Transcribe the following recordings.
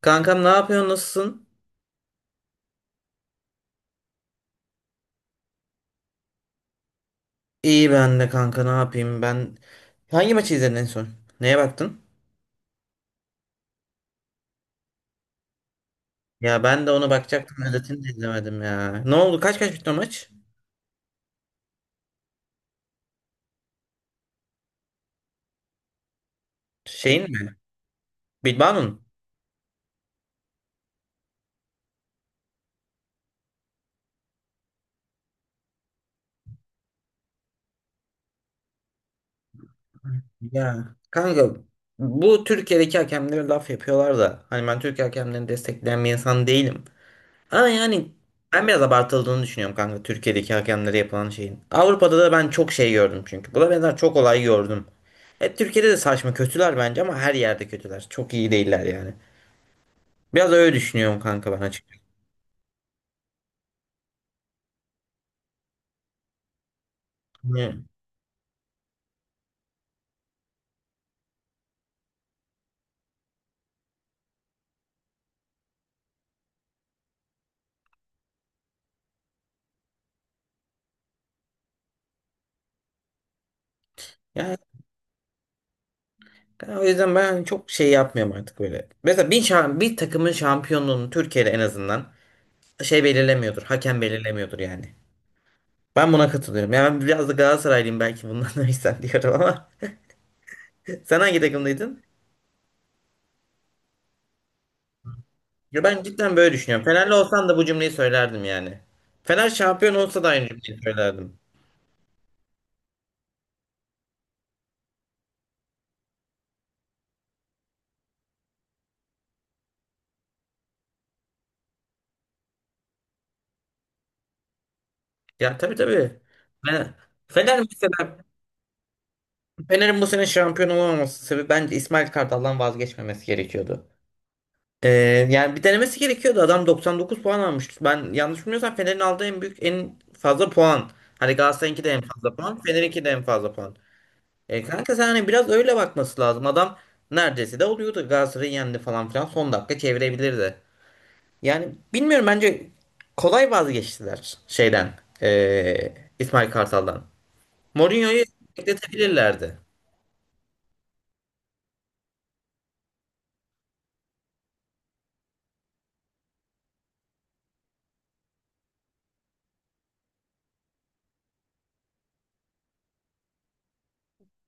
Kankam ne yapıyorsun? Nasılsın? İyi ben de kanka ne yapayım ben. Hangi maçı izledin en son? Neye baktın? Ya ben de ona bakacaktım özetini de izlemedim ya. Ne oldu? Kaç kaç bitti o maç? Şeyin mi? Bilbao'nun mu? Ya kanka bu Türkiye'deki hakemlere laf yapıyorlar da hani ben Türk hakemlerini destekleyen bir insan değilim. Ama yani ben biraz abartıldığını düşünüyorum kanka Türkiye'deki hakemlere yapılan şeyin. Avrupa'da da ben çok şey gördüm çünkü. Buna benzer çok olay gördüm. Hep Türkiye'de de saçma kötüler bence ama her yerde kötüler. Çok iyi değiller yani. Biraz öyle düşünüyorum kanka ben açıkçası. Yani, yani o yüzden ben çok şey yapmıyorum artık böyle. Mesela bir takımın şampiyonluğunu Türkiye'de en azından şey belirlemiyordur. Hakem belirlemiyordur yani. Ben buna katılıyorum. Yani ben biraz da Galatasaraylıyım belki bundan da diyorum ama. Sen hangi takımdaydın? Ya ben cidden böyle düşünüyorum. Fenerli olsan da bu cümleyi söylerdim yani. Fener şampiyon olsa da aynı cümleyi söylerdim. Ya tabii tabii. Fener, Fener mesela Fener'in bu sene şampiyon olamaması sebebi bence İsmail Kartal'dan vazgeçmemesi gerekiyordu. Ee, yani bir denemesi gerekiyordu. Adam 99 puan almıştı. Ben yanlış bilmiyorsam Fener'in aldığı en büyük en fazla puan. Hani Galatasaray'ınki de en fazla puan. Fener'inki de en fazla puan. E, kanka sen hani biraz öyle bakması lazım. Adam neredeyse de oluyordu. Galatasaray'ı yendi falan filan. Son dakika çevirebilirdi. Yani bilmiyorum bence kolay vazgeçtiler şeyden İsmail Kartal'dan. Mourinho'yu bekletebilirlerdi.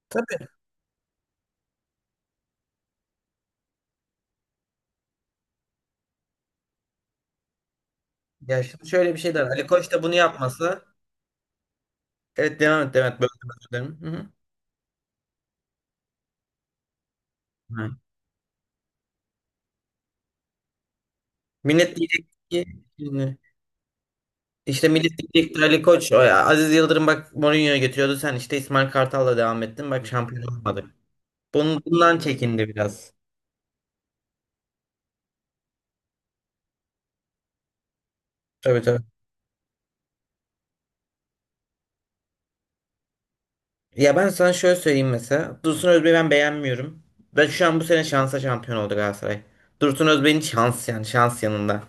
Tabii. Ya şimdi şöyle bir şey de var. Ali Koç da bunu yapmasa evet devam et devam et. Böldüm, özür dilerim. Hı hı. Ha. Millet diyecek ki şimdi, işte millet diyecek ki Ali Koç o ya Aziz Yıldırım bak Mourinho'yu getiriyordu sen işte İsmail Kartal'la devam ettin bak şampiyon olmadık. Bundan çekindi biraz. Tabii tabii. Ya ben sana şöyle söyleyeyim mesela. Dursun Özbek'i ben beğenmiyorum. Da şu an bu sene şansa şampiyon oldu Galatasaray. Dursun Özbek'in şans yani şans yanında.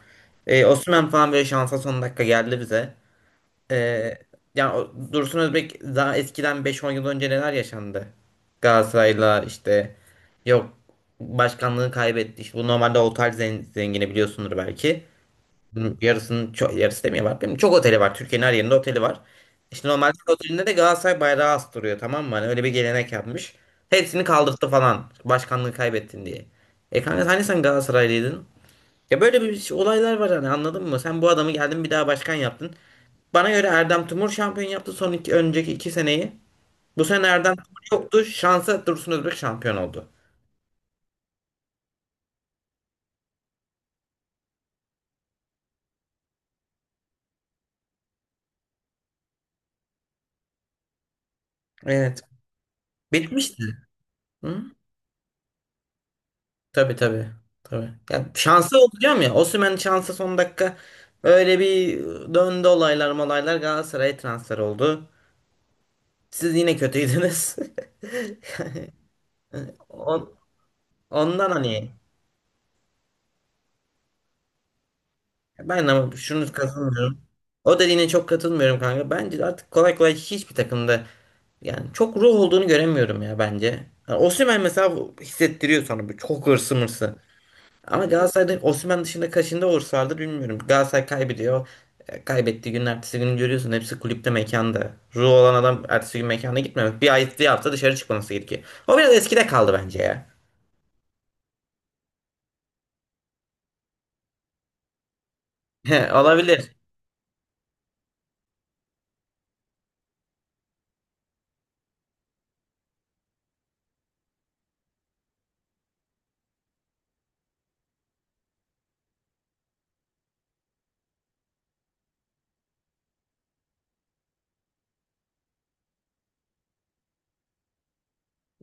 Osimhen falan böyle şansa son dakika geldi bize. Ee, yani Dursun Özbek daha eskiden beş on yıl önce neler yaşandı? Galatasaray'la işte yok başkanlığı kaybetti. İşte bu normalde Oltay zengini biliyorsundur belki. Yarısının çok, yarısı demiyorlar değil mi? Çok oteli var. Türkiye'nin her yerinde oteli var. İşte normalde her otelinde de Galatasaray bayrağı astırıyor tamam mı? Hani öyle bir gelenek yapmış. Hepsini kaldırttı falan. Başkanlığı kaybettin diye. E kanka hani sen Galatasaraylıydın? Ya böyle bir olaylar var hani anladın mı? Sen bu adamı geldin bir daha başkan yaptın. Bana göre Erdem Timur şampiyon yaptı son iki, önceki 2 seneyi. Bu sene Erdem Timur yoktu. Şansa Dursun Özbek şampiyon oldu. Evet. Bitmişti. Hı? Tabii tabii. Tabii. Ya şansa olacağım ya. Osimhen şansa son dakika öyle bir döndü olaylar malaylar Galatasaray'a transfer oldu. Siz yine kötüydünüz. Yani On- Ondan hani ben ama şunu katılmıyorum. O dediğine çok katılmıyorum kanka. Bence artık kolay kolay hiçbir takımda yani çok ruh olduğunu göremiyorum ya bence. Yani Osimhen mesela hissettiriyor sana bu çok hırsı mırsı. Ama Galatasaray'da Osimhen dışında kaçında olursalardır bilmiyorum. Galatasaray kaybediyor. E, kaybettiği günün ertesi günü görüyorsun. Hepsi kulüpte mekanda. Ruh olan adam ertesi gün mekana gitmemek. Bir ay bir hafta dışarı çıkmaması gerekiyor. O biraz eskide kaldı bence ya. He, olabilir.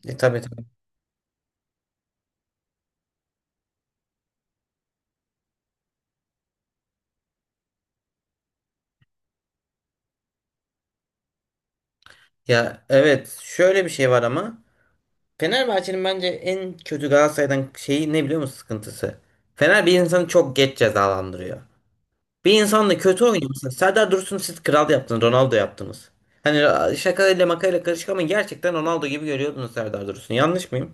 E, tabii tabii. Ya evet şöyle bir şey var ama Fenerbahçe'nin bence en kötü Galatasaray'dan şeyi ne biliyor musun sıkıntısı? Fener bir insanı çok geç cezalandırıyor. Bir insanla kötü oynuyorsun. Serdar Dursun'u siz kral yaptınız. Ronaldo yaptınız. Hani şakayla makayla karışık ama gerçekten Ronaldo gibi görüyordunuz Serdar Dursun'u. Yanlış mıyım?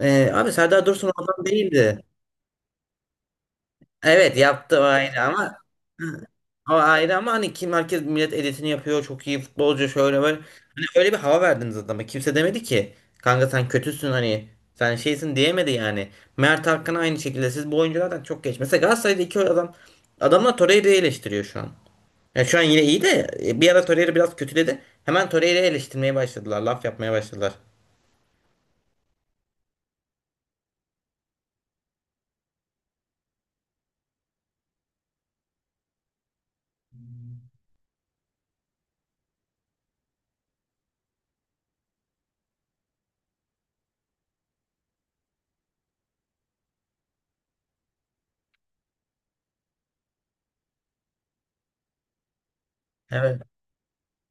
Abi Serdar Dursun oradan değildi. Evet yaptı aynı ama hava ayrı ama hani kim herkes millet editini yapıyor çok iyi futbolcu şöyle böyle. Hani öyle bir hava verdiniz adama. Kimse demedi ki kanka sen kötüsün hani sen şeysin diyemedi yani. Mert Hakan aynı şekilde siz bu oyunculardan çok geç. Mesela Galatasaray'da iki adam adamlar Torreira'yı eleştiriyor şu an. Yani şu an yine iyi de bir ara Torreira biraz kötüledi. Hemen Torreira'yı eleştirmeye başladılar. Laf yapmaya başladılar. Evet.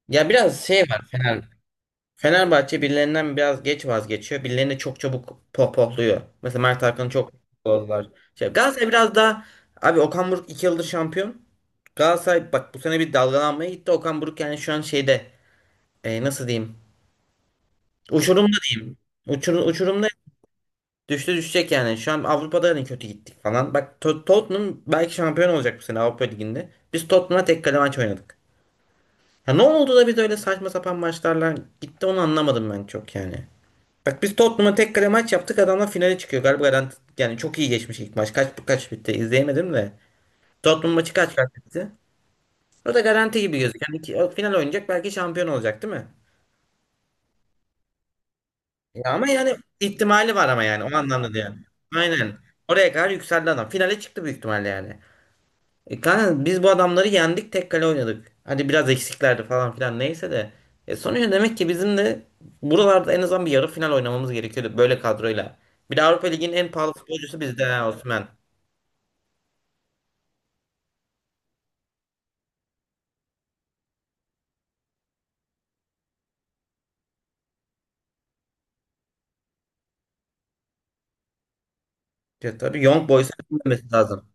Ya biraz şey var Fener. Fenerbahçe birilerinden biraz geç vazgeçiyor. Birilerini çok çabuk pohpohluyor. Mesela Mert Hakan'ı çok pohpohladılar. Şey, Galatasaray biraz daha... Abi Okan Buruk 2 yıldır şampiyon. Galatasaray bak bu sene bir dalgalanmaya gitti. Okan Buruk yani şu an şeyde... nasıl diyeyim? Uçurumda diyeyim. Uçurumda düştü düşecek yani. Şu an Avrupa'da hani kötü gittik falan. Bak Tottenham belki şampiyon olacak bu sene Avrupa Ligi'nde. Biz Tottenham'a tek kale maç oynadık. Ya ne oldu da biz öyle saçma sapan maçlarla gitti onu anlamadım ben çok yani. Bak biz Tottenham'a tek kale maç yaptık. Adamlar finale çıkıyor. Galiba garanti, yani çok iyi geçmiş ilk maç. Kaç kaç bitti izleyemedim de. Tottenham maçı kaç kaç bitti? O da garanti gibi gözüküyor. Yani o final oynayacak belki şampiyon olacak değil mi? Ya ama yani ihtimali var ama yani o anlamda da yani. Aynen. Oraya kadar yükseldi adam. Finale çıktı büyük ihtimalle yani. E kanka biz bu adamları yendik tek kale oynadık. Hadi biraz eksiklerdi falan filan neyse de. E sonuçta demek ki bizim de buralarda en azından bir yarı final oynamamız gerekiyordu böyle kadroyla. Bir de Avrupa Ligi'nin en pahalı futbolcusu bizde ha Osman. Ya tabii Young Boys'a elenmemesi lazım.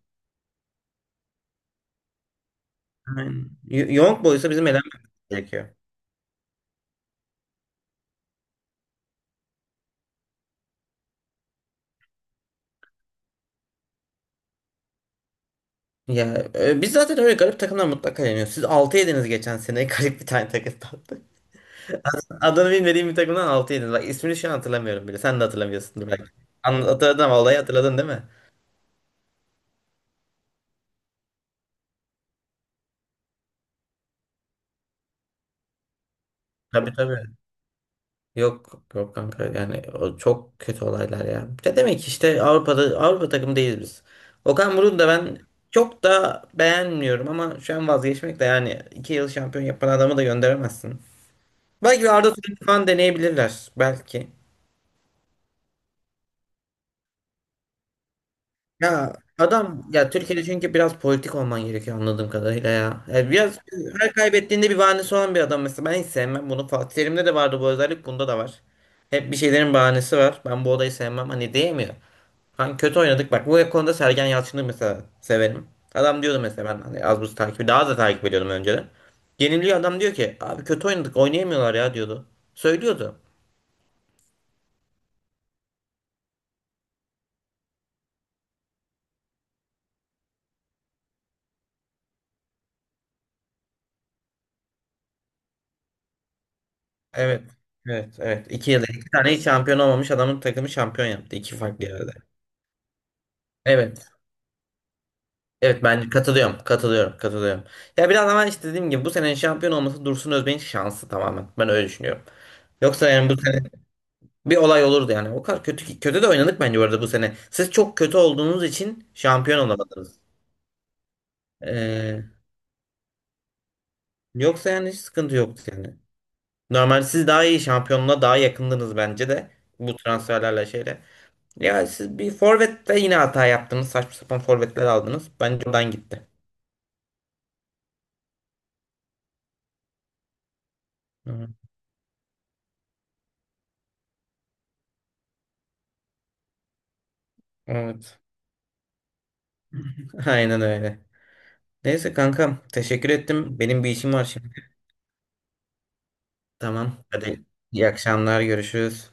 Aynen. Young Boys'a bizim elenmemesi gerekiyor. Ya biz zaten öyle garip takımdan mutlaka yeniyoruz. Siz 6 yediniz geçen sene garip bir tane takım tatlı. Adını bilmediğim bir takımdan 6 yediniz. Bak ismini şu an hatırlamıyorum bile. Sen de hatırlamıyorsundur belki. Hatırladın ama olayı hatırladın değil mi? Tabii tabii. Yok yok kanka yani o çok kötü olaylar ya. Ne demek işte Avrupa'da Avrupa takımı değiliz biz. Okan Buruk'u da ben çok da beğenmiyorum ama şu an vazgeçmek de yani 2 yıl şampiyon yapan adamı da gönderemezsin. Belki bir Arda Turan falan deneyebilirler belki. Ya adam ya Türkiye'de çünkü biraz politik olman gerekiyor anladığım kadarıyla ya. Ya biraz her kaybettiğinde bir bahanesi olan bir adam mesela. Ben hiç sevmem bunu. Fatih Terim'de de vardı bu özellik. Bunda da var. Hep bir şeylerin bahanesi var. Ben bu odayı sevmem. Hani diyemiyor. Hani kötü oynadık. Bak bu konuda Sergen Yalçın'ı mesela severim. Adam diyordu mesela ben hani az buz takibi daha da takip ediyordum önceden. Yeniliyor adam diyor ki abi kötü oynadık oynayamıyorlar ya diyordu. Söylüyordu. Evet. Evet, evet. 2 yılda iki tane hiç şampiyon olmamış adamın takımı şampiyon yaptı. İki farklı yerde. Evet. Evet ben katılıyorum. Katılıyorum. Katılıyorum. Ya biraz ama işte dediğim gibi bu senenin şampiyon olması Dursun Özbek'in şansı tamamen. Ben öyle düşünüyorum. Yoksa yani bu sene bir olay olurdu yani. O kadar kötü kötü de oynadık bence bu arada bu sene. Siz çok kötü olduğunuz için şampiyon olamadınız. Ee, yoksa yani hiç sıkıntı yoktu yani. Normal siz daha iyi şampiyonluğa daha yakındınız bence de bu transferlerle şeyle. Ya siz bir forvette yine hata yaptınız. Saçma sapan forvetler aldınız. Bence oradan gitti. Hı, evet. Aynen öyle. Neyse kankam teşekkür ettim. Benim bir işim var şimdi. Tamam hadi iyi akşamlar görüşürüz.